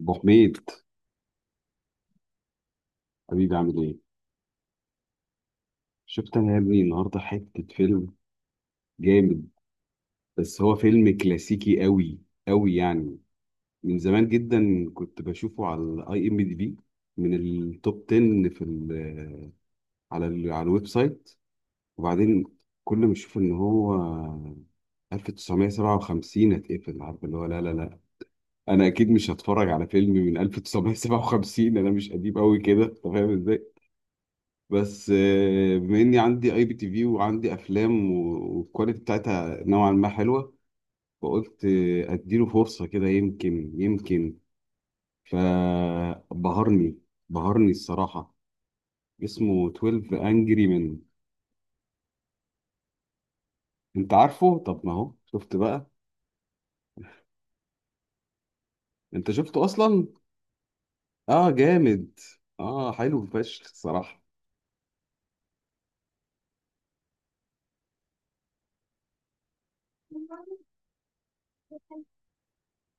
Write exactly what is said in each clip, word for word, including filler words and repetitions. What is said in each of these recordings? ابو حميد، حبيبي عامل ايه؟ شفت انا يا ابني النهارده حته فيلم جامد. بس هو فيلم كلاسيكي قوي قوي يعني. من زمان جدا كنت بشوفه على الاي ام دي بي، من التوب عشرة في ال على ال على الويب سايت. وبعدين كل ما اشوف ان هو ألف تسعمية سبعة وخمسين اتقفل، عارف اللي هو، لا لا لا، انا اكيد مش هتفرج على فيلم من ألف تسعمية سبعة وخمسين. انا مش قديم قوي كده، انت فاهم ازاي. بس آه، بما اني عندي اي بي تي في وعندي افلام و- والكواليتي بتاعتها نوعا ما حلوه. فقلت آه، اديله فرصه كده، يمكن يمكن فبهرني بهرني الصراحه. اسمه اتناشر انجري من انت عارفه؟ طب ما هو شفت بقى. انت شفته اصلا؟ اه جامد. اه حلو فشخ الصراحه.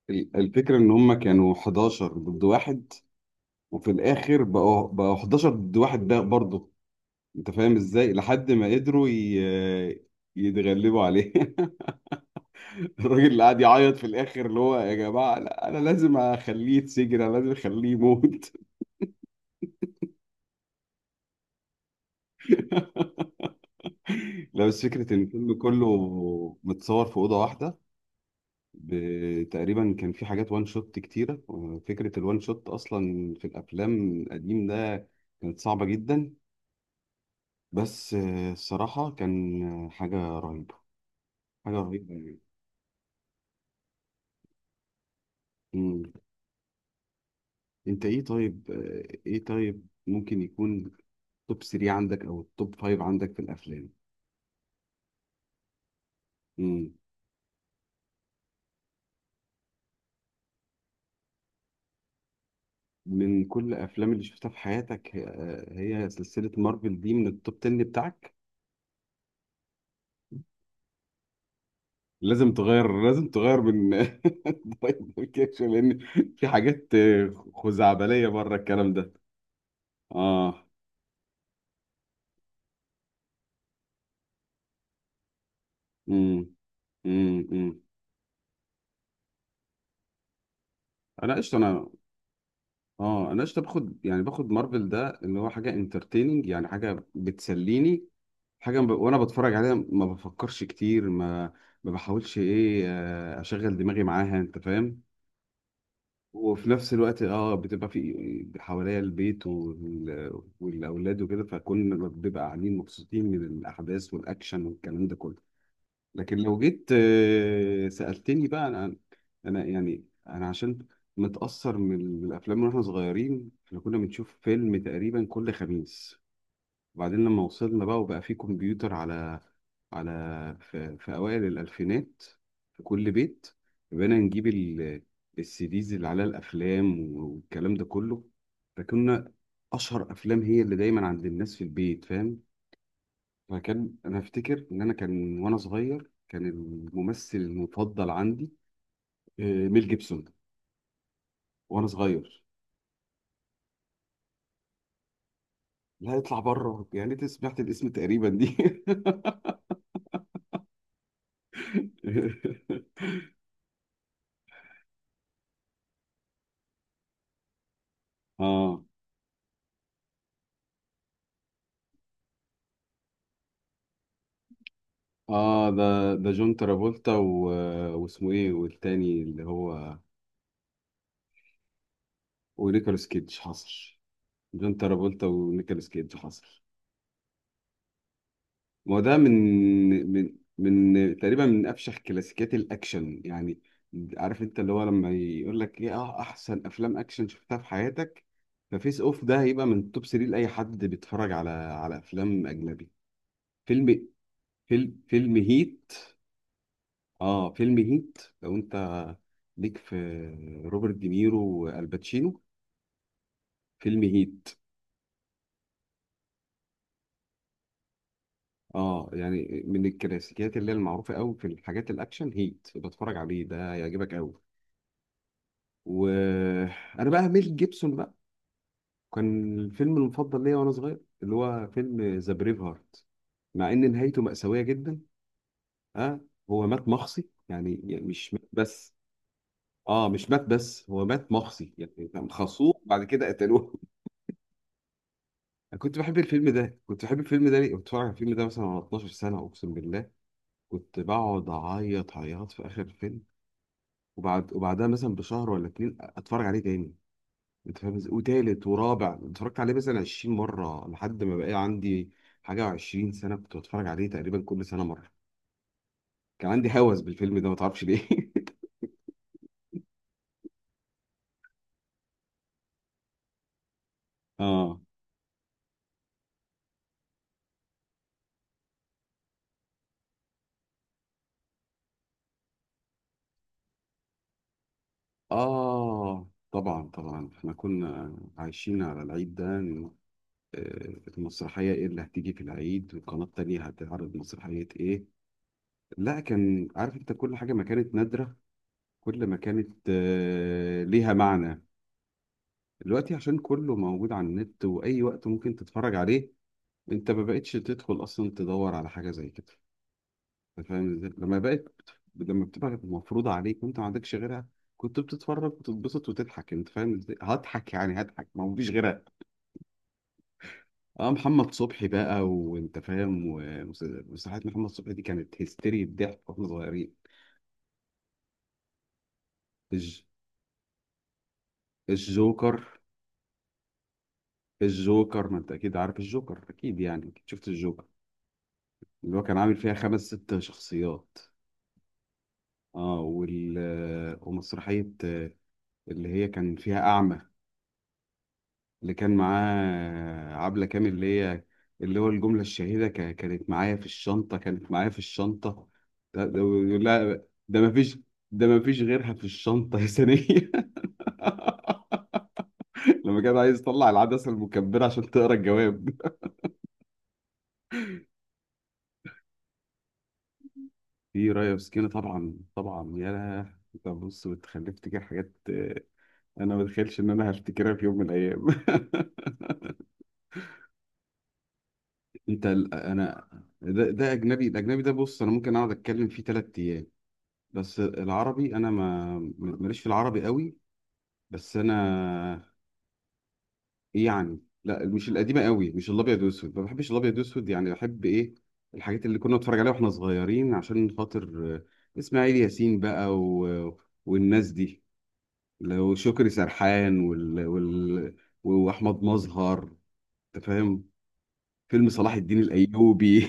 ال- الفكرة إن هما كانوا حداشر ضد واحد، وفي الآخر بقوا بقوا أحد عشر ضد واحد ده برضه. انت فاهم ازاي، لحد ما قدروا ي... يتغلبوا عليه الراجل اللي قاعد يعيط في الاخر، اللي هو يا جماعه، لا انا لازم اخليه يتسجن، انا لازم اخليه يموت لا بس فكره ان الفيلم كله متصور في اوضه واحده. ب... تقريبا كان في حاجات وان شوت كتيره. فكره الوان شوت اصلا في الافلام القديم ده كانت صعبه جدا. بس آه، الصراحه كان حاجه رهيبه، حاجه رهيبه. يعني انت ايه طيب، آه، ايه طيب ممكن يكون توب تلاتة عندك او التوب خمسة عندك في الافلام. مم. من كل الافلام اللي شفتها في حياتك، آه، هي سلسلة مارفل دي من التوب عشرة بتاعك؟ لازم تغير، لازم تغير من طيب كده، لان في حاجات آه، خزعبلية بره الكلام ده. اه. امم امم امم. انا قشطه انا اه انا قشطه، باخد يعني باخد مارفل ده اللي هو حاجه انترتيننج، يعني حاجه بتسليني، حاجة ب... وأنا بتفرج عليها ما بفكرش كتير، ما ما بحاولش إيه، آه، أشغل دماغي معاها، أنت فاهم. وفي نفس الوقت اه بتبقى في حواليا البيت وال... والأولاد وكده، فكلنا بنبقى قاعدين مبسوطين من الأحداث والأكشن والكلام ده كله. لكن لو جيت آه، سألتني بقى أنا، أنا يعني أنا عشان متأثر من الأفلام وإحنا صغيرين. إحنا كنا بنشوف فيلم تقريبا كل خميس. وبعدين لما وصلنا بقى وبقى في كمبيوتر على على في, في أوائل الألفينات في كل بيت. بقينا نجيب ال- السي ديز اللي عليها الأفلام والكلام ده كله. فكنا أشهر أفلام هي اللي دايما عند الناس في البيت، فاهم. فكان أنا أفتكر إن أنا كان وأنا صغير كان الممثل المفضل عندي آه، ميل جيبسون وأنا صغير. لا يطلع بره، يعني أنت سمعت الاسم تقريبا دي اه اه. ده ده جون ترافولتا و... واسمه ايه والتاني اللي هو، ونيكولاس كيدج حصل. جون ترافولتا ونيكولاس كيدج حصل. ما هو ده من من من تقريبا، من افشخ كلاسيكيات الاكشن يعني. عارف انت اللي هو لما يقول لك ايه، اه احسن افلام اكشن شفتها في حياتك، ففيس اوف ده هيبقى من توب تلاتة لاي حد بيتفرج على على افلام اجنبي. فيلم فيلم فيلم هيت. اه فيلم هيت، لو انت ليك في روبرت دينيرو والباتشينو، فيلم هيت. اه يعني من الكلاسيكيات اللي هي المعروفه قوي في الحاجات الاكشن، هيت بتفرج عليه ده يعجبك قوي. وانا بقى ميل جيبسون بقى كان الفيلم المفضل ليا وانا صغير، اللي هو فيلم ذا بريف هارت، مع ان نهايته مأساوية جدا. اه، هو مات مخصي يعني، يعني مش مات بس. اه مش مات بس، هو مات مخصي يعني كان خاصوه بعد كده قتلوه. انا كنت بحب الفيلم ده، كنت بحب الفيلم ده ليه؟ كنت بتفرج على الفيلم ده مثلا وانا اتناشر سنه، اقسم بالله كنت بقعد اعيط عياط في اخر الفيلم. وبعد وبعدها مثلا بشهر ولا اتنين اتفرج عليه تاني. انت فاهم ازاي، وتالت ورابع، اتفرجت عليه مثلا عشرين مره لحد ما بقى عندي حاجه و20 سنه كنت بتفرج عليه تقريبا كل سنه مره. كان عندي هوس بالفيلم ده، ما تعرفش ليه. اه اه. طبعا طبعا، احنا كنا عايشين على العيد ده. آه، المسرحية إيه اللي هتيجي في العيد، والقناة التانية هتعرض مسرحية إيه. لا كان عارف أنت كل حاجة، ما كانت نادرة، كل ما كانت آه، ليها معنى. دلوقتي عشان كله موجود على النت، وأي وقت ممكن تتفرج عليه، أنت ما بقتش تدخل أصلا تدور على حاجة زي كده. أنت فاهم إزاي؟ لما بقت لما بتبقى مفروضة عليك، وأنت ما عندكش غيرها، كنت بتتفرج وتتبسط وتضحك. أنت فاهم إزاي، هضحك يعني هضحك، ما هو فيش غيرها. اه محمد صبحي بقى، وانت فاهم، ومسرحيات محمد صبحي دي كانت هيستيري، بضحك واحنا صغيرين. الج... الجوكر، الجوكر، ما انت اكيد عارف الجوكر، اكيد يعني، أكيد شفت الجوكر. اللي هو كان عامل فيها خمس ست شخصيات. اه وال... ومسرحية، اللي هي كان فيها أعمى، اللي كان معاه عبلة كامل، اللي هي اللي هو الجملة الشهيرة، كا- كانت معايا في الشنطة، كانت معايا في الشنطة. ده- ده بيقول لها، ده مفيش، ده مفيش غيرها في الشنطة يا سنية لما كان عايز يطلع العدسة المكبرة عشان تقرا الجواب. في رايا وسكينة طبعا طبعا، يا لهوي، انت بص بتخلي افتكر حاجات، آه، انا ما اتخيلش ان انا هفتكرها في يوم من الايام انت ال- انا، ده, ده اجنبي، الاجنبي ده بص انا ممكن اقعد اتكلم فيه ثلاث، بس العربي انا ما ماليش في العربي قوي. بس انا إيه يعني، لا مش القديمه قوي، مش الابيض واسود، ما بحبش الابيض واسود، يعني بحب ايه الحاجات اللي كنا نتفرج عليها واحنا صغيرين، عشان خاطر آه، اسماعيل ياسين بقى و... والناس دي، لو شكري سرحان وال... وال... واحمد مظهر. انت فاهم، فيلم صلاح الدين الايوبي.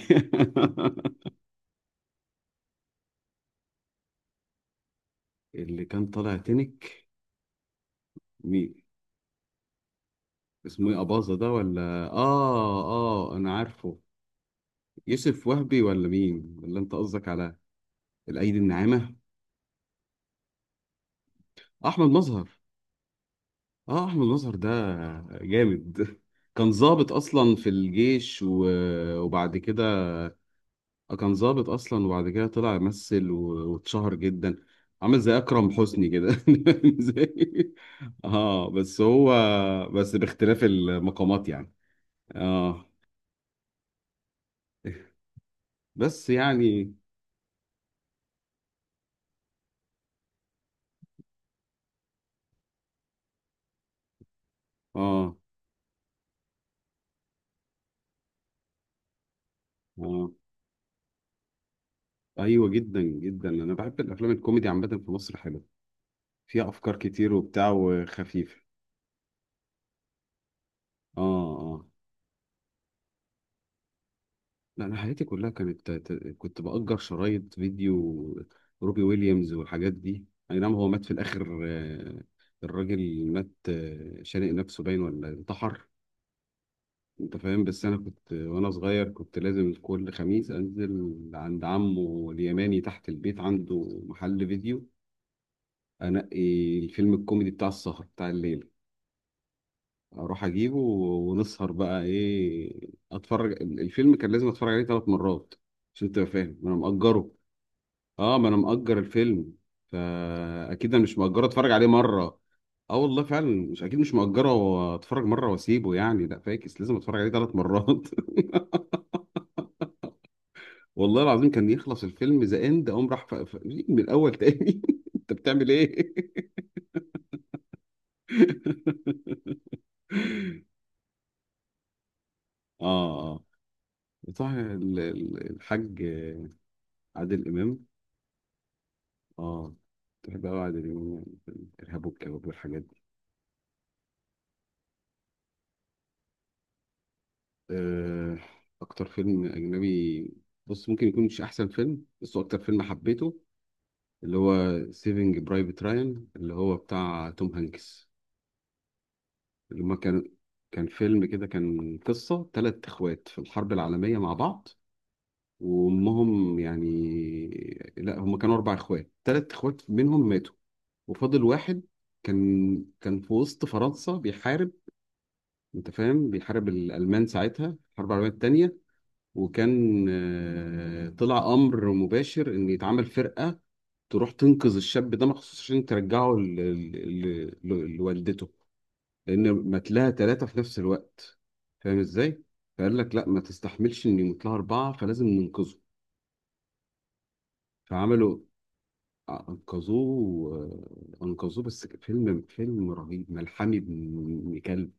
اللي كان طالع تنك. مين، اسمه ايه، اباظه ده ولا؟ اه، اه انا عارفه. يوسف وهبي ولا مين، ولا انت قصدك على الايدي الناعمه، احمد مظهر. اه احمد مظهر ده جامد كان ضابط اصلا في الجيش و- وبعد كده، كان ضابط اصلا وبعد كده طلع يمثل و- واتشهر جدا. عامل زي اكرم حسني كده زي. اه بس هو، بس باختلاف المقامات يعني. اه بس يعني. اه اه. ايوه جدا جدا، انا بحب الافلام الكوميدي عامه في مصر حلوه، فيها افكار كتير وبتاع وخفيفه. اه اه. لا انا حياتي كلها كانت ت- كنت باجر شرايط فيديو، روبي ويليامز والحاجات دي، اي نعم هو مات في الاخر، آه، الراجل مات آه، شانق نفسه باين ولا انتحر، انت فاهم. بس انا كنت وانا صغير، كنت لازم كل خميس انزل عند عمه اليماني تحت البيت، عنده محل فيديو، انقي الفيلم الكوميدي بتاع السهر بتاع الليل، اروح اجيبه ونسهر بقى ايه. اتفرج الفيلم، كان لازم اتفرج عليه ثلاث مرات عشان تبقى فاهم، ما انا مأجره. اه، ما انا مأجر الفيلم، فاكيد انا مش مأجره اتفرج عليه مره. اه والله فعلا، مش اكيد مش مأجره واتفرج مره واسيبه، يعني لا فاكس لازم اتفرج عليه ثلاث مرات والله العظيم، كان يخلص الفيلم ذا اند اقوم راح ف... ف... من الاول تاني انت بتعمل ايه اه اه صح، ال- ال- الحاج عادل امام. اه بحب أوي عادل إمام يعني في الإرهاب والكباب والحاجات دي. آه، أكتر فيلم أجنبي، بص ممكن يكون مش أحسن فيلم بس هو أكتر فيلم حبيته، اللي هو سيفينج برايفت رايان اللي هو بتاع توم هانكس. اللي هما كان، كان فيلم كده، كان قصة تلات إخوات في الحرب العالمية مع بعض، وأمهم يعني، لا هما كانوا أربع إخوات، تلات إخوات منهم ماتوا وفاضل واحد. كان كان في وسط فرنسا بيحارب، انت فاهم، بيحارب الالمان ساعتها الحرب العالميه الثانيه. وكان آه، طلع امر مباشر ان يتعمل فرقه تروح تنقذ الشاب ده مخصوص عشان ترجعه ل- ل- ل- لوالدته، لان ماتلها ثلاثه في نفس الوقت. فاهم ازاي، فقال لك لا ما تستحملش ان يموت لها اربعه فلازم ننقذه. فعملوا، آه، انقذوه، آه، انقذوه. بس فيلم فيلم رهيب ملحمي ابن كلب.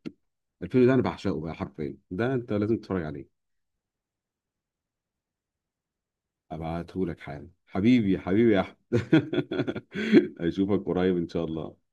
الفيلم ده انا بعشقه بقى حرفيا، ده انت لازم تتفرج عليه. ابعتهولك حالا حبيبي، حبيبي يا احمد اشوفك قريب ان شاء الله.